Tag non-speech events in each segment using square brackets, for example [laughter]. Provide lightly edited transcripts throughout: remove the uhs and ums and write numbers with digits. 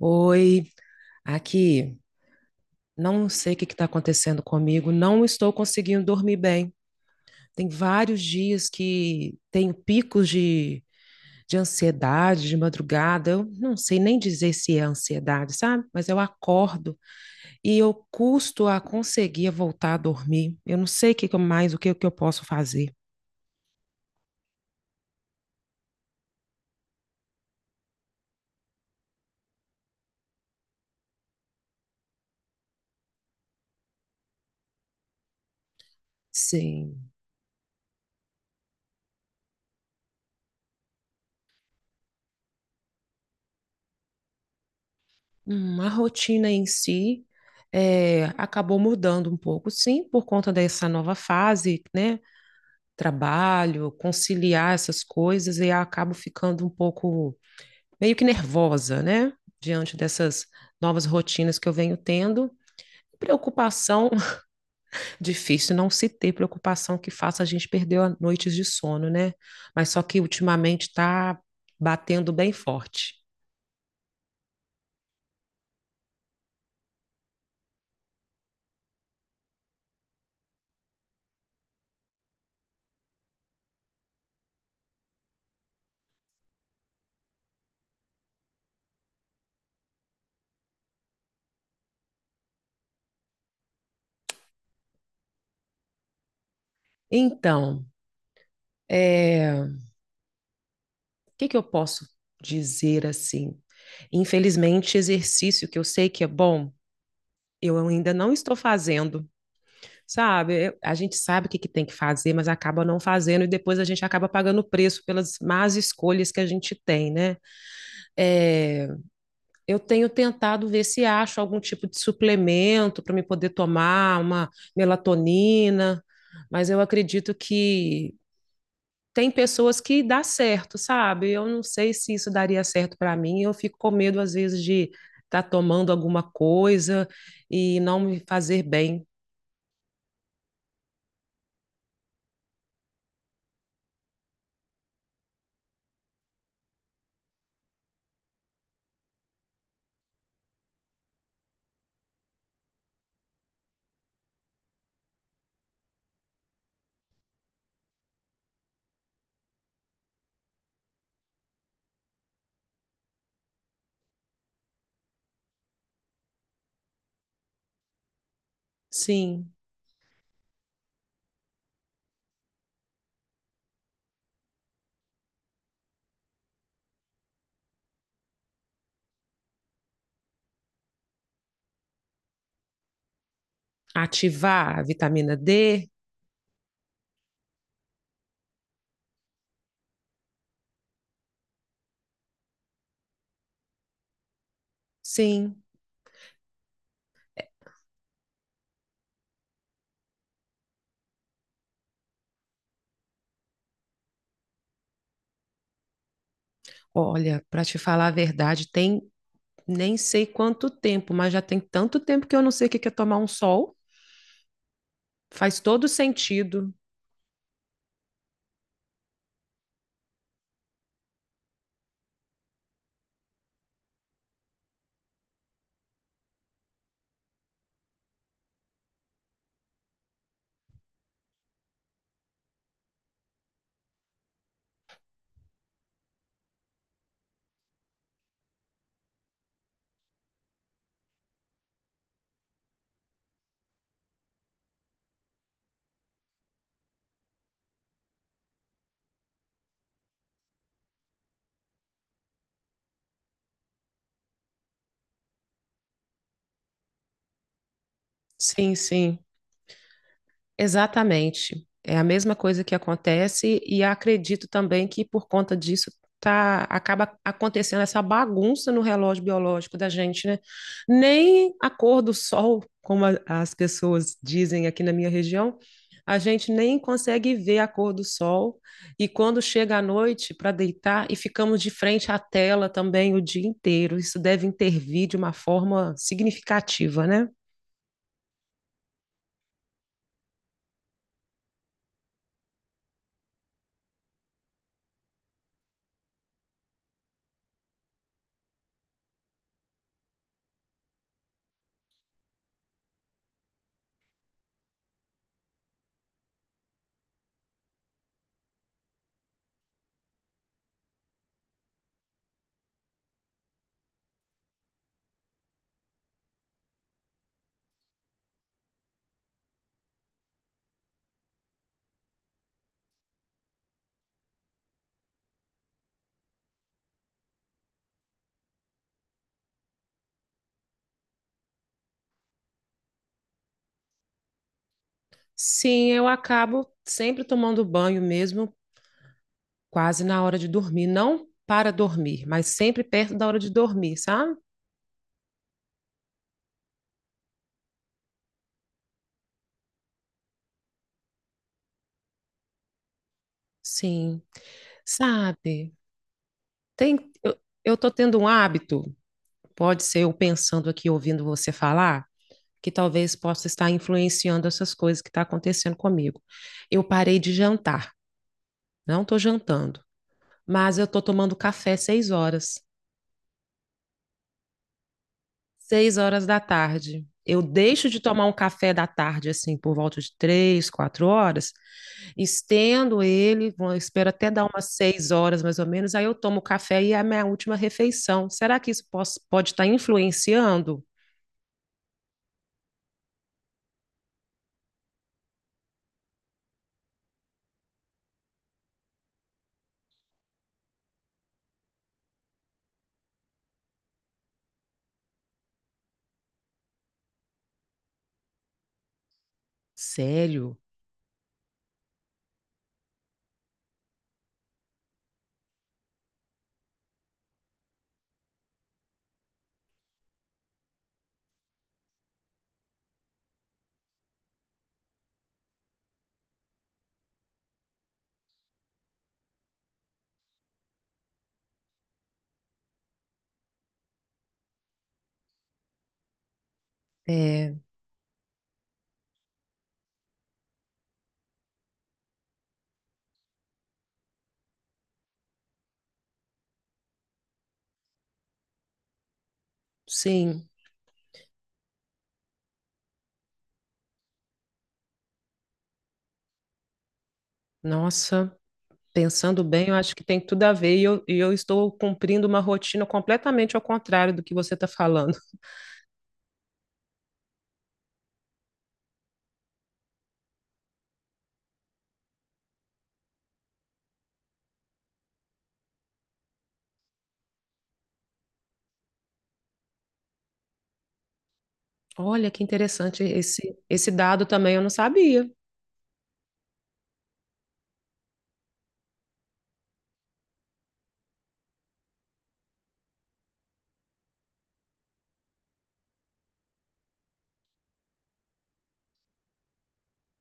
Oi, aqui. Não sei o que está acontecendo comigo, não estou conseguindo dormir bem. Tem vários dias que tenho picos de ansiedade de madrugada. Eu não sei nem dizer se é ansiedade, sabe? Mas eu acordo e eu custo a conseguir voltar a dormir. Eu não sei o que que eu mais, o que, que eu posso fazer. Sim. A rotina em si acabou mudando um pouco, sim, por conta dessa nova fase, né? Trabalho, conciliar essas coisas e acabo ficando um pouco meio que nervosa, né? Diante dessas novas rotinas que eu venho tendo. Preocupação, [laughs] difícil não se ter preocupação que faça a gente perder noites de sono, né? Mas só que ultimamente está batendo bem forte. Então, o que que eu posso dizer assim? Infelizmente, exercício que eu sei que é bom, eu ainda não estou fazendo. Sabe? A gente sabe o que que tem que fazer, mas acaba não fazendo e depois a gente acaba pagando o preço pelas más escolhas que a gente tem, né? É, eu tenho tentado ver se acho algum tipo de suplemento para me poder tomar uma melatonina, mas eu acredito que tem pessoas que dá certo, sabe? Eu não sei se isso daria certo para mim, eu fico com medo às vezes de estar tá tomando alguma coisa e não me fazer bem. Sim. Ativar a vitamina D? Sim. Olha, para te falar a verdade, tem nem sei quanto tempo, mas já tem tanto tempo que eu não sei o que que é tomar um sol. Faz todo sentido. Sim, sim. Exatamente. É a mesma coisa que acontece, e acredito também que por conta disso tá, acaba acontecendo essa bagunça no relógio biológico da gente, né? Nem a cor do sol, como as pessoas dizem aqui na minha região, a gente nem consegue ver a cor do sol. E quando chega a noite para deitar, e ficamos de frente à tela também o dia inteiro, isso deve intervir de uma forma significativa, né? Sim, eu acabo sempre tomando banho mesmo, quase na hora de dormir. Não para dormir, mas sempre perto da hora de dormir, sabe? Sim. Sabe? Tem, eu tô tendo um hábito, pode ser eu pensando aqui, ouvindo você falar, que talvez possa estar influenciando essas coisas que estão acontecendo comigo. Eu parei de jantar, não estou jantando, mas eu estou tomando café 6 horas. 6 horas da tarde. Eu deixo de tomar um café da tarde, assim, por volta de 3, 4 horas, estendo ele, espero até dar umas 6 horas mais ou menos, aí eu tomo o café e é a minha última refeição. Será que isso pode estar influenciando? Sério? É, sim. Nossa, pensando bem, eu acho que tem tudo a ver e eu estou cumprindo uma rotina completamente ao contrário do que você está falando. Olha que interessante esse dado também, eu não sabia.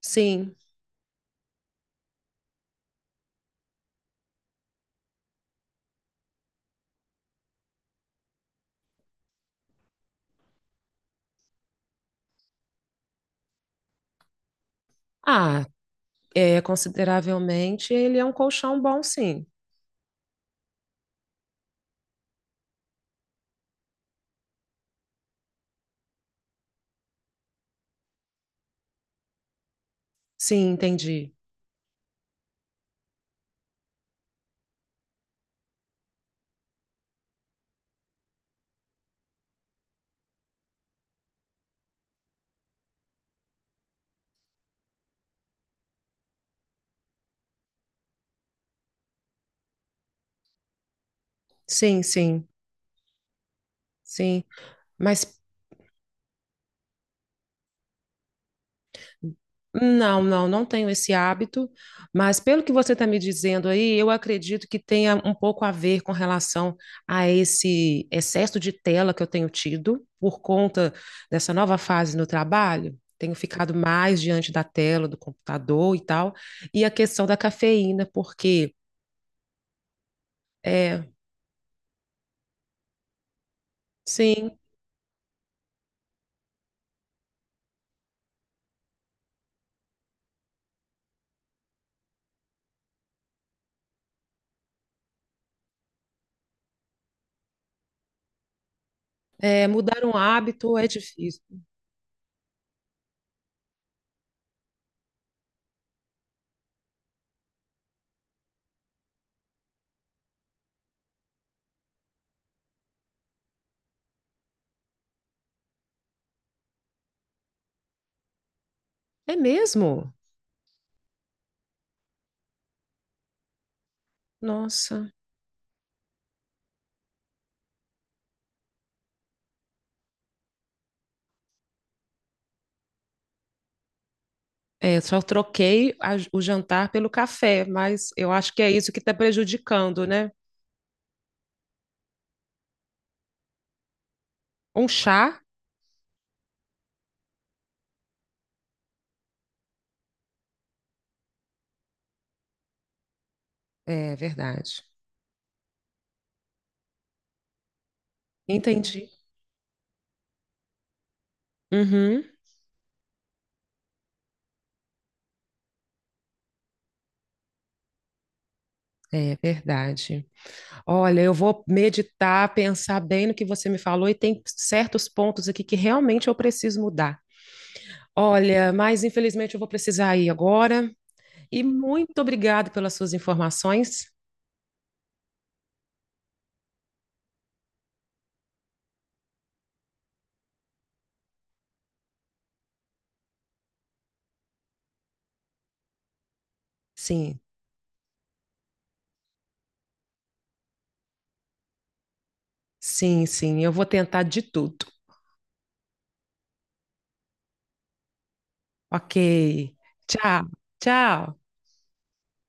Sim. Ah, consideravelmente ele é um colchão bom, sim. Sim, entendi. Sim, sim, sim. Mas não, não, não tenho esse hábito. Mas pelo que você está me dizendo aí, eu acredito que tenha um pouco a ver com relação a esse excesso de tela que eu tenho tido por conta dessa nova fase no trabalho. Tenho ficado mais diante da tela, do computador e tal. E a questão da cafeína, porque. É, sim. É, mudar um hábito é difícil. É mesmo? Nossa. É, só troquei o jantar pelo café, mas eu acho que é isso que está prejudicando, né? Um chá? É verdade. Entendi. Uhum. É verdade. Olha, eu vou meditar, pensar bem no que você me falou e tem certos pontos aqui que realmente eu preciso mudar. Olha, mas infelizmente eu vou precisar ir agora. E muito obrigado pelas suas informações. Sim. Sim, sim, eu vou tentar de tudo. Ok. Tchau, tchau.